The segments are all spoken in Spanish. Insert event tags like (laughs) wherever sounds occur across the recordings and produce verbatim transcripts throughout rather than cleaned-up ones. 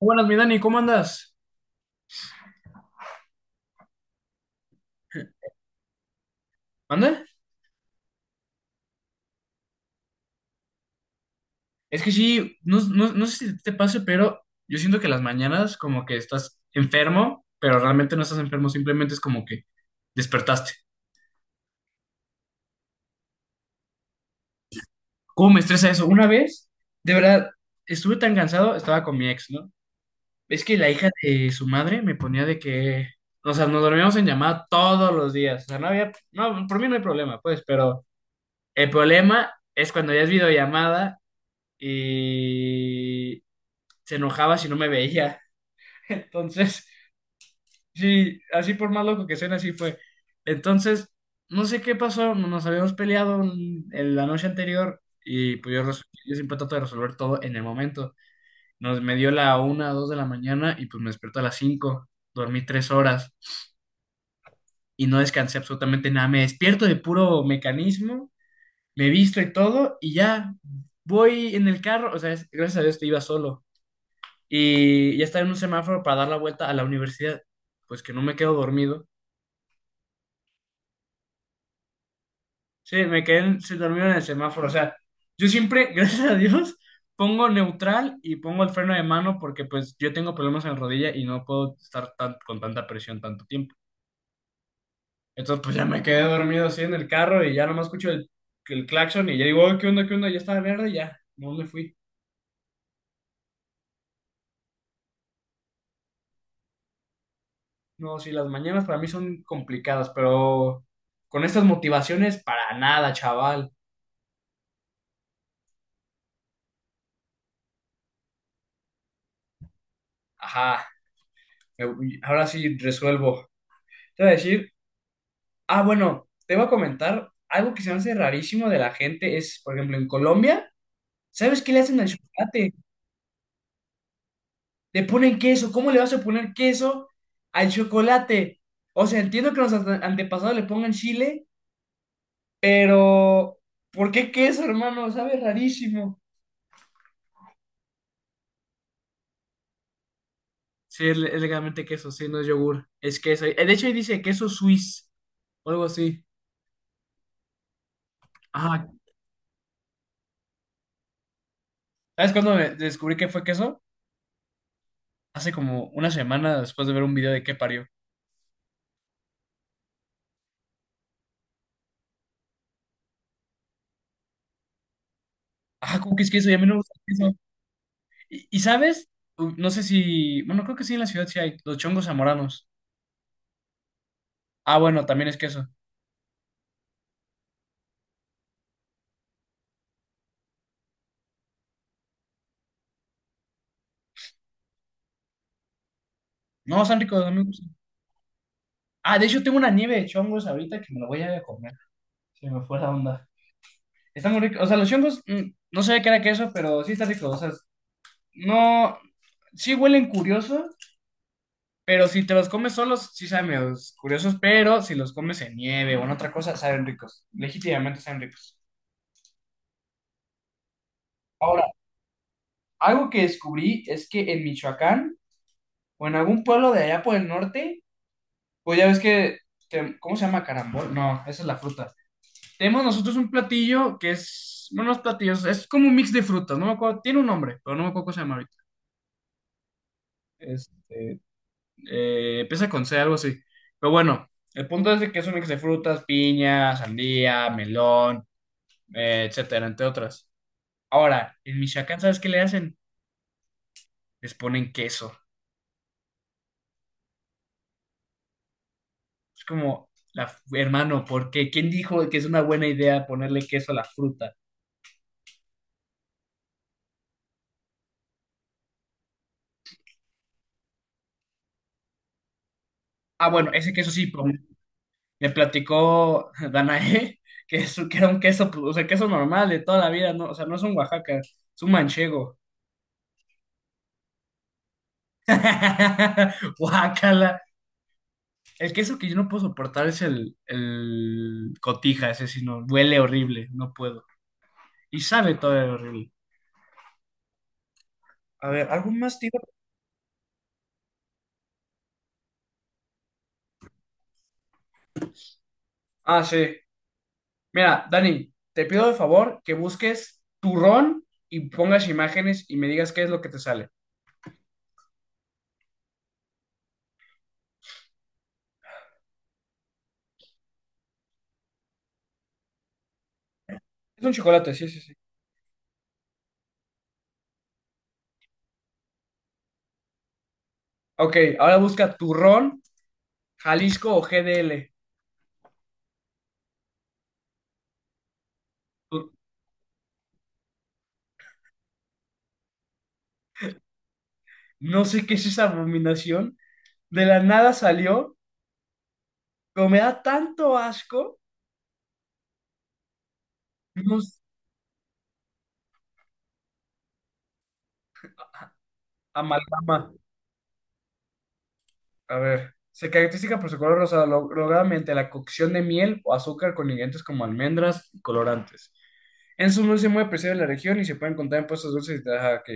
Buenas, mi Dani, ¿cómo andas? ¿Anda? Es que sí, no, no- no sé si te pase, pero yo siento que las mañanas como que estás enfermo, pero realmente no estás enfermo, simplemente es como que despertaste. ¿Cómo me estresa eso? Una vez, de verdad, estuve tan cansado, estaba con mi ex, ¿no? Es que la hija de su madre me ponía de que, o sea, nos dormíamos en llamada todos los días, o sea, no había, no, por mí no hay problema, pues, pero el problema es cuando ya es videollamada y se enojaba si no me veía. Entonces, (laughs) sí, así por más loco que suene, así fue. Entonces, no sé qué pasó, nos habíamos peleado en en la noche anterior y pues yo, res- yo siempre trato de resolver todo en el momento. Nos me dio la una, dos de la mañana y pues me despierto a las cinco, dormí tres horas y no descansé absolutamente nada. Me despierto de puro mecanismo, me visto y todo y ya voy en el carro, o sea, es- gracias a Dios te iba solo y ya estaba en un semáforo para dar la vuelta a la universidad, pues que no me quedo dormido. Sí, me quedé, en- se durmió en el semáforo. O sea, yo siempre, (laughs) gracias a Dios, pongo neutral y pongo el freno de mano porque pues yo tengo problemas en la rodilla y no puedo estar tan- con tanta presión tanto tiempo. Entonces pues ya me quedé dormido así en el carro y ya nomás escucho el, el claxon y ya digo, "Oye, ¿qué onda, qué onda?" Ya estaba verde y ya, no me fui. No, sí, las mañanas para mí son complicadas, pero con estas motivaciones para nada, chaval. Ajá, me- ahora sí resuelvo. Te voy a decir. Ah, bueno, te voy a comentar algo que se me hace rarísimo de la gente es, por ejemplo, en Colombia, ¿sabes qué le hacen al chocolate? Le ponen queso. ¿Cómo le vas a poner queso al chocolate? O sea, entiendo que los ante- antepasados le pongan chile, pero ¿por qué queso, hermano? Sabe rarísimo. Sí, es, le- es legalmente queso, sí, no es yogur, es queso. Eh, De hecho, ahí dice queso suizo o algo así. Ajá. ¿Sabes cuándo me- descubrí que fue queso? Hace como una semana después de ver un video de qué parió. Ah, ¿cómo que es queso? Y a mí no me gusta el queso. ¿Y, y sabes? U- No sé si. Bueno, creo que sí, en la ciudad sí hay. Los chongos zamoranos. Ah, bueno, también es queso. No, están ricos, a mí me gustan. Ah, de hecho tengo una nieve de chongos ahorita que me la voy a ir a comer. Se me fue la onda. Está muy rico. O sea, los chongos, mm, no sabía que era queso, pero sí está rico. O sea, no. Sí huelen curioso, pero si te los comes solos, sí saben medios curiosos, pero si los comes en nieve o en otra cosa, saben ricos. Legítimamente saben ricos. Ahora, algo que descubrí es que en Michoacán, o en algún pueblo de allá por el norte, pues ya ves que, que- ¿cómo se llama? Carambol. No, esa es la fruta. Tenemos nosotros un platillo que es, bueno, no es platillo, es es como un mix de frutas, no me acuerdo, tiene un nombre, pero no me acuerdo cómo se llama ahorita. Este, eh, empieza con C, algo así. Pero bueno, el punto es de que es un mix de frutas, piña, sandía, melón, eh, etcétera, entre otras. Ahora, en Michoacán, ¿sabes qué le hacen? Les ponen queso. Es como, la, hermano, ¿por qué? ¿Quién dijo que es una buena idea ponerle queso a la fruta? Ah, bueno, ese queso sí, pero me platicó Danae (laughs) que, es, que era un queso, pues, o sea, queso normal de toda la vida, ¿no? O sea, no es un Oaxaca, es un manchego. (laughs) Oaxaca. El queso que yo no puedo soportar es el, el cotija, ese sí, no, huele horrible, no puedo. Y sabe todo horrible. A ver, ¿algún más, tío? Ah, sí. Mira, Dani, te pido de favor que busques turrón y pongas imágenes y me digas qué es lo que te sale. Es un chocolate, sí, sí, sí. Ok, ahora busca turrón Jalisco o G D L. No sé qué es esa abominación. De la nada salió, pero me da tanto asco. Unos amalgama. A ver. Se caracteriza por su color rosado, lo- lograda mediante la cocción de miel o azúcar con ingredientes como almendras y colorantes. En su dulce muy apreciado en la región y se puede encontrar en puestos dulces y ah, ok.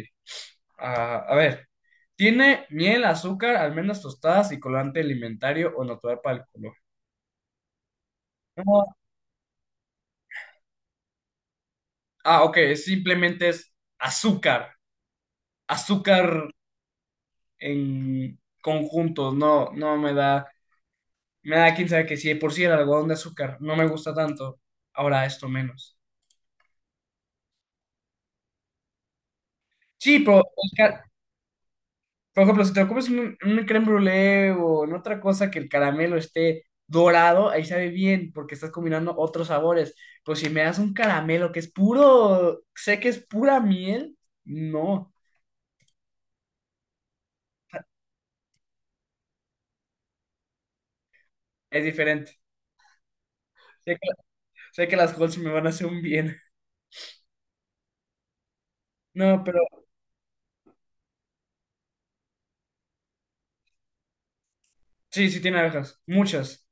Ah, a ver. Tiene miel, azúcar, almendras tostadas y colorante alimentario o natural para el color. No. Ah, ok, simplemente es azúcar. Azúcar en conjuntos, no, no me da, me da quién sabe que si de por sí el algodón de azúcar no me gusta tanto, ahora esto menos. Sí, pero el ca- por ejemplo, si te lo comes en un, en un crème brûlée o en otra cosa que el caramelo esté dorado, ahí sabe bien porque estás combinando otros sabores. Pero si me das un caramelo que es puro, sé que es pura miel, no, es diferente. Sé que, sé que las Halls me van a hacer un bien. No, pero sí, sí tiene abejas, muchas.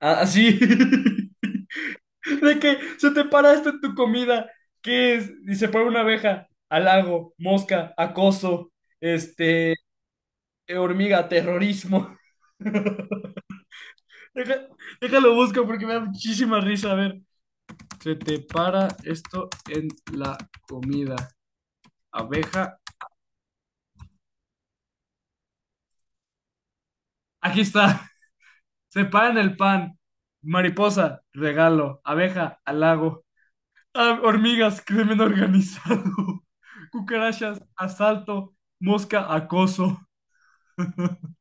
Ah, así. (laughs) De que se te para esto en tu comida. ¿Qué es? Y se pone una abeja. Halago, mosca, acoso, este, hormiga, terrorismo. (laughs) Deja- déjalo busco porque me da muchísima risa. A ver, se te para esto en la comida. Abeja. Aquí está. Se para en el pan. Mariposa, regalo. Abeja, halago. Ah, hormigas, crimen organizado. (laughs) Cucarachas, asalto. Mosca, acoso. (laughs)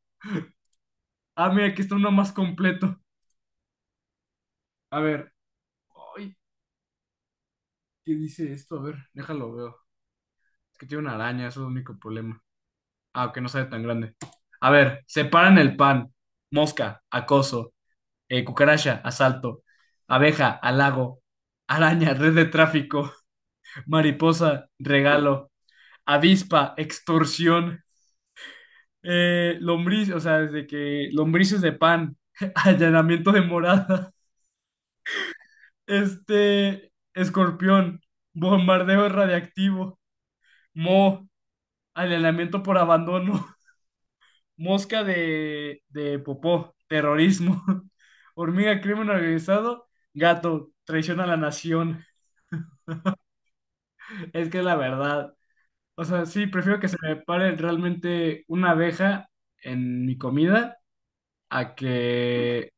Ah, mira, aquí está uno más completo. A ver. Ay, ¿qué dice esto? A ver, déjalo veo. Es que tiene una araña, eso es el único problema. Ah, que no sale tan grande. A ver, separan el pan. Mosca, acoso. Eh, cucaracha, asalto. Abeja, halago. Araña, red de tráfico. (laughs) Mariposa, regalo. Avispa, extorsión. Eh, lombriz, o sea, desde que lombrices de pan, (laughs) allanamiento de morada, este, escorpión, bombardeo radiactivo, mo, allanamiento por abandono, (laughs) mosca de, de popó, terrorismo, (laughs) hormiga, crimen organizado, gato, traición a la nación, (laughs) es que es la verdad. O sea, sí, prefiero que se me pare realmente una abeja en mi comida a que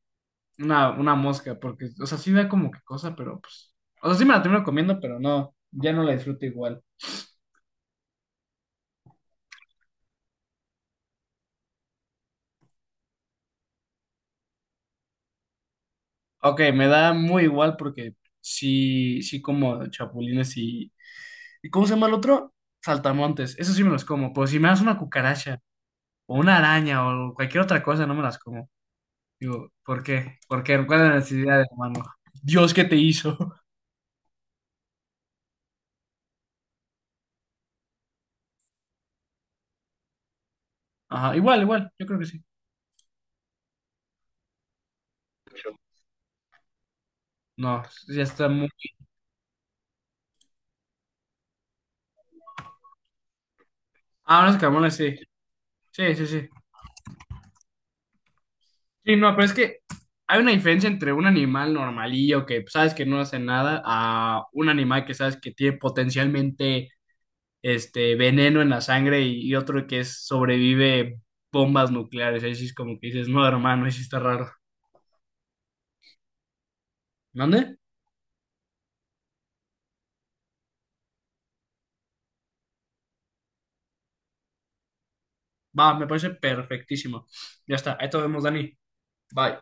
Una, una mosca, porque, o sea, sí da como que cosa, pero pues. O sea, sí me la termino comiendo, pero no, ya no la disfruto igual. Ok, me da muy igual porque sí, sí como chapulines y. ¿Y cómo se llama el otro? Saltamontes. Eso sí me los como, pero si me das una cucaracha o una araña o cualquier otra cosa, no me las como. Digo, ¿por qué? ¿Por qué? ¿Cuál es la necesidad de hermano? Dios, ¿qué te hizo? (laughs) Ajá, igual, igual, yo creo que sí. No, ya está muy. Ah, unos camarones, sí. Sí, sí, sí. Sí, no, pero es que hay una diferencia entre un animal normalillo que pues, sabes que no hace nada a un animal que sabes que tiene potencialmente este veneno en la sangre y, y otro que es, sobrevive bombas nucleares. Ahí sí es como que dices, no, hermano, ahí sí está raro. ¿Dónde? Va, me parece perfectísimo. Ya está, ahí te vemos, Dani. Bye.